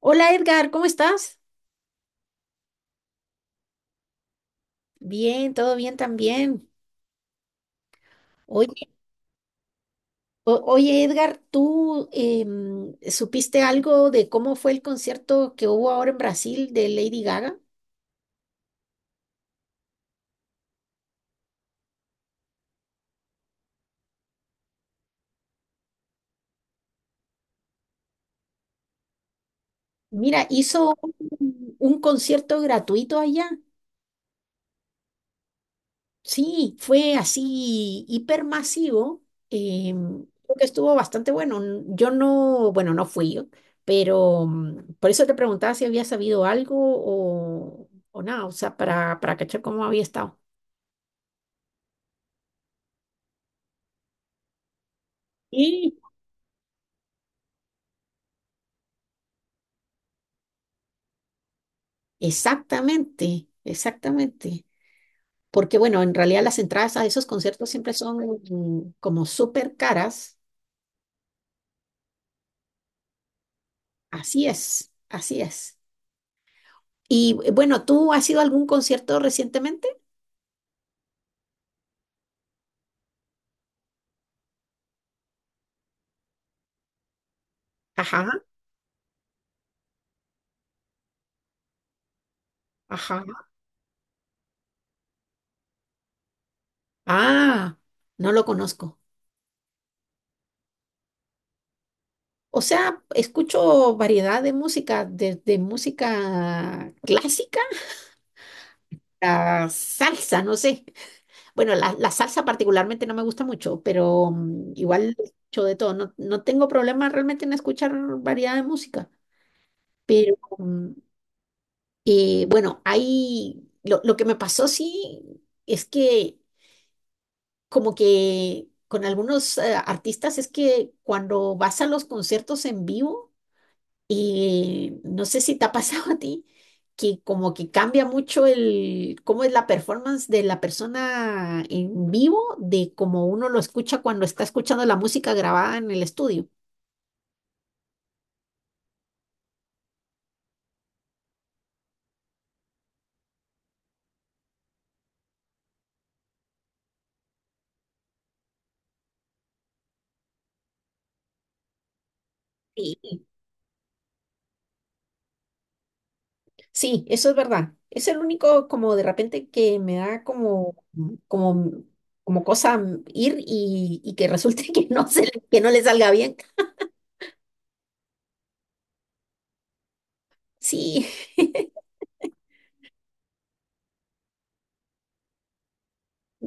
Hola Edgar, ¿cómo estás? Bien, todo bien también. Oye, Edgar, ¿tú supiste algo de cómo fue el concierto que hubo ahora en Brasil de Lady Gaga? Mira, hizo un concierto gratuito allá. Sí, fue así hipermasivo. Creo que estuvo bastante bueno. Yo no, bueno, no fui yo, pero por eso te preguntaba si había sabido algo o nada, o sea, para cachar cómo había estado. Sí, exactamente, exactamente. Porque bueno, en realidad las entradas a esos conciertos siempre son como súper caras. Así es, así es. Y bueno, ¿tú has ido a algún concierto recientemente? Ajá, ajá. Ah, no lo conozco. O sea, escucho variedad de música, desde música clásica a salsa, no sé. Bueno, la salsa particularmente no me gusta mucho, pero igual escucho de todo. No, no tengo problema realmente en escuchar variedad de música, pero bueno, lo que me pasó sí es que como que con algunos artistas es que cuando vas a los conciertos en vivo, y no sé si te ha pasado a ti que como que cambia mucho el cómo es la performance de la persona en vivo de cómo uno lo escucha cuando está escuchando la música grabada en el estudio. Sí, sí, eso es verdad. Es el único como de repente que me da como como como cosa ir y que resulte que no se, que no le salga bien. Sí.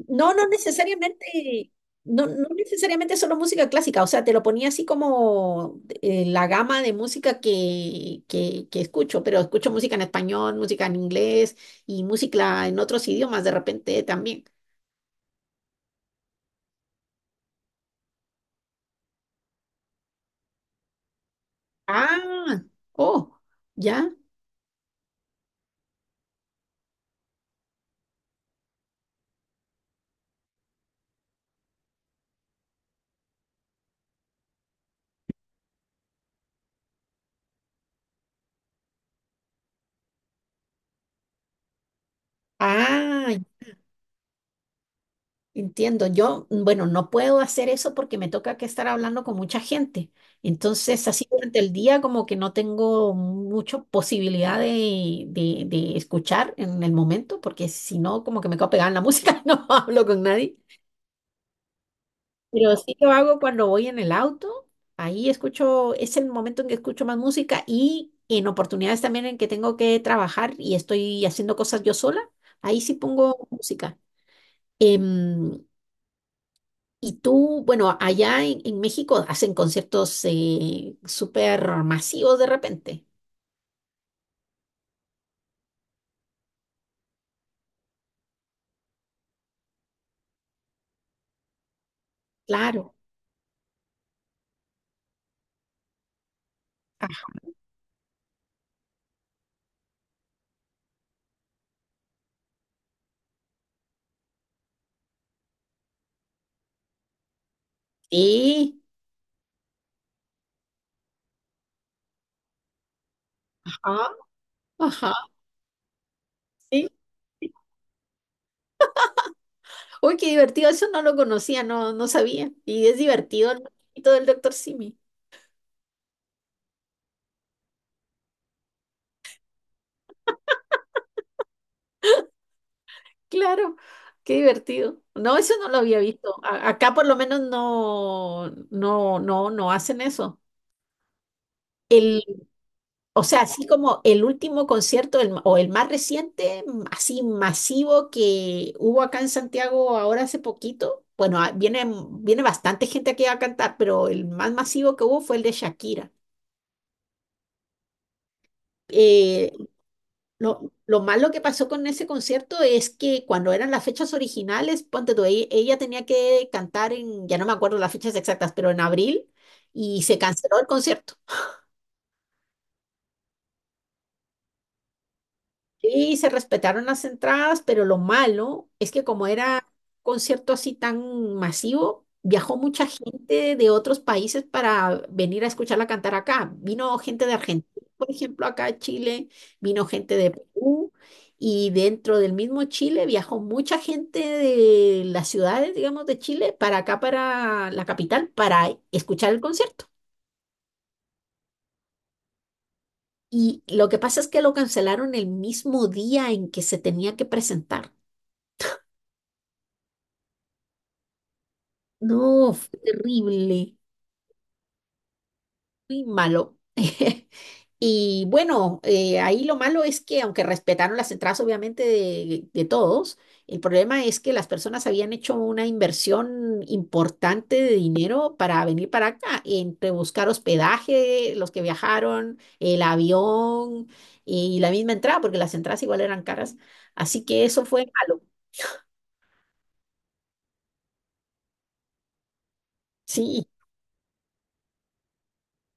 No, no necesariamente, no, no necesariamente solo música clásica, o sea, te lo ponía así como la gama de música que escucho, pero escucho música en español, música en inglés y música en otros idiomas de repente también. Ah, oh, ya. Ah, entiendo, yo, bueno, no puedo hacer eso porque me toca que estar hablando con mucha gente. Entonces, así durante el día como que no tengo mucha posibilidad de, de escuchar en el momento, porque si no, como que me quedo pegada en la música y no hablo con nadie. Pero sí lo hago cuando voy en el auto, ahí escucho, es el momento en que escucho más música y en oportunidades también en que tengo que trabajar y estoy haciendo cosas yo sola, ahí sí pongo música. Em, Y tú, bueno, allá en México hacen conciertos súper masivos de repente. Claro. Ajá. Sí. Ajá. Ajá. Sí. Uy, qué divertido. Eso no lo conocía, no, no sabía. Y es divertido el todo del doctor Simi. Claro. Qué divertido. No, eso no lo había visto. Acá por lo menos no, no, no, no hacen eso. O sea, así como el último concierto o el más reciente, así masivo que hubo acá en Santiago ahora hace poquito. Bueno, ah, viene, viene bastante gente aquí a cantar, pero el más masivo que hubo fue el de Shakira. Eh, lo malo que pasó con ese concierto es que cuando eran las fechas originales, ponte tú, ella tenía que cantar en, ya no me acuerdo las fechas exactas, pero en abril y se canceló el concierto. Sí, se respetaron las entradas, pero lo malo es que como era un concierto así tan masivo, viajó mucha gente de otros países para venir a escucharla cantar acá. Vino gente de Argentina, por ejemplo, acá a Chile, vino gente de Perú y dentro del mismo Chile viajó mucha gente de las ciudades, digamos, de Chile para acá, para la capital, para escuchar el concierto. Y lo que pasa es que lo cancelaron el mismo día en que se tenía que presentar. No, fue terrible, muy malo. Y bueno, ahí lo malo es que aunque respetaron las entradas obviamente de todos, el problema es que las personas habían hecho una inversión importante de dinero para venir para acá, entre buscar hospedaje, los que viajaron, el avión y la misma entrada, porque las entradas igual eran caras. Así que eso fue malo. Sí,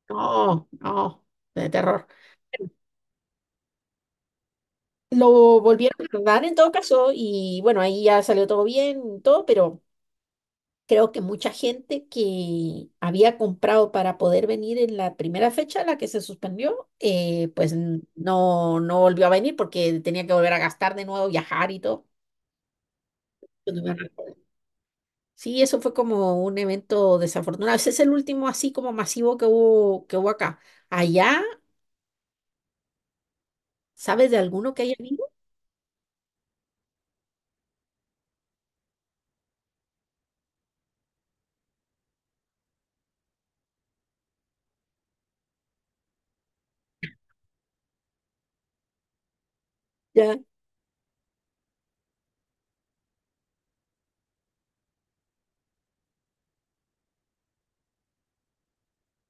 no, no, de terror. Lo volvieron a dar en todo caso y bueno, ahí ya salió todo bien, todo, pero creo que mucha gente que había comprado para poder venir en la primera fecha, la que se suspendió, pues no volvió a venir porque tenía que volver a gastar de nuevo, viajar y todo. Yo no me recuerdo. Sí, eso fue como un evento desafortunado. Ese es el último así como masivo que hubo acá. Allá, ¿sabes de alguno que haya habido? Ya,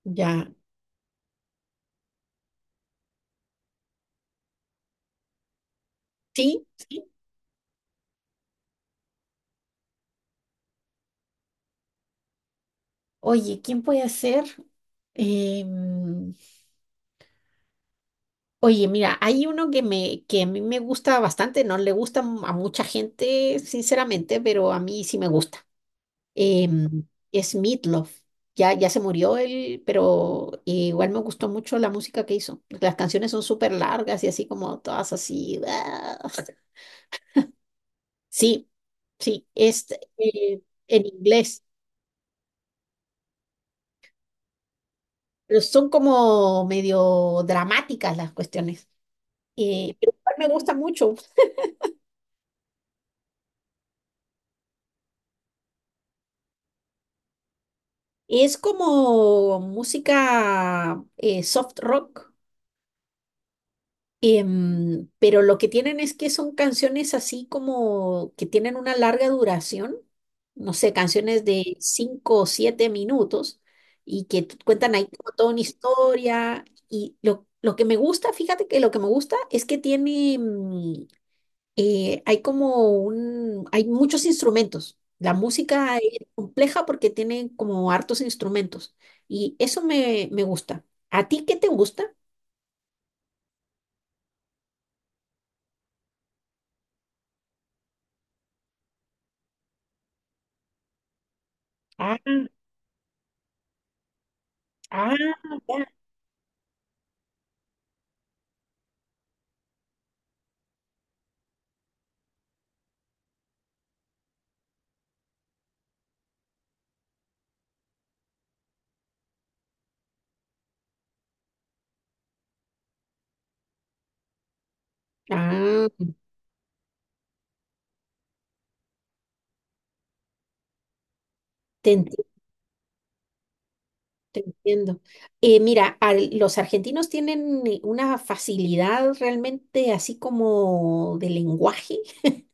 ya. Sí, sí. Oye, ¿quién puede ser? Em, oye, mira, hay uno que a mí me gusta bastante, no le gusta a mucha gente, sinceramente, pero a mí sí me gusta. Em, es Meatloaf. Ya, ya se murió él, pero igual me gustó mucho la música que hizo. Las canciones son súper largas y así como todas así. Sí, sí, es eh, en inglés, pero son como medio dramáticas las cuestiones. Pero igual me gusta mucho. Es como música soft rock, pero lo que tienen es que son canciones así como que tienen una larga duración, no sé, canciones de 5 o 7 minutos y que cuentan ahí como toda una historia. Y lo que me gusta, fíjate que lo que me gusta es que tiene hay como un, hay muchos instrumentos. La música es compleja porque tiene como hartos instrumentos y eso me, me gusta. ¿A ti qué te gusta? Ah, ah, ya. Ah, te entiendo, te entiendo. Mira, los argentinos tienen una facilidad realmente así como de lenguaje.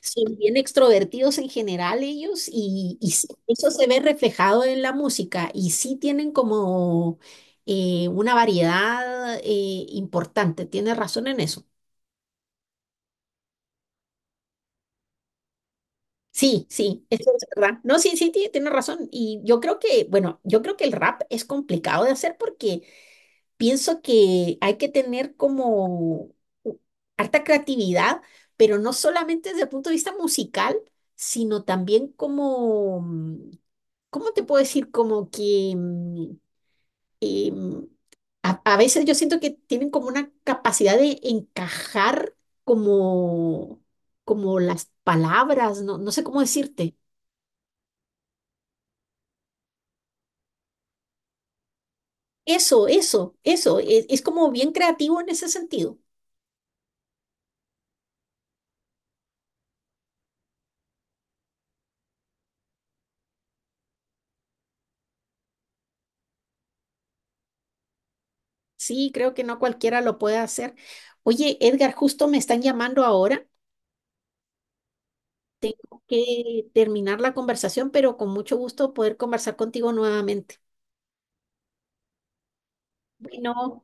Son bien extrovertidos en general ellos y sí, eso se ve reflejado en la música y sí tienen como una variedad importante, tienes razón en eso. Sí, sí, eso es verdad. No, sí, sí, tienes razón. Y yo creo que, bueno, yo creo que el rap es complicado de hacer porque pienso que hay que tener como u- harta creatividad, pero no solamente desde el punto de vista musical, sino también como... ¿cómo te puedo decir? Como que, que, mm, a veces yo siento que tienen como una capacidad de encajar como, como las palabras, no, no sé cómo decirte. Eso, es como bien creativo en ese sentido. Sí, creo que no cualquiera lo puede hacer. Oye, Edgar, justo me están llamando ahora. Tengo que terminar la conversación, pero con mucho gusto poder conversar contigo nuevamente. Bueno,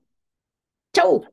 chau.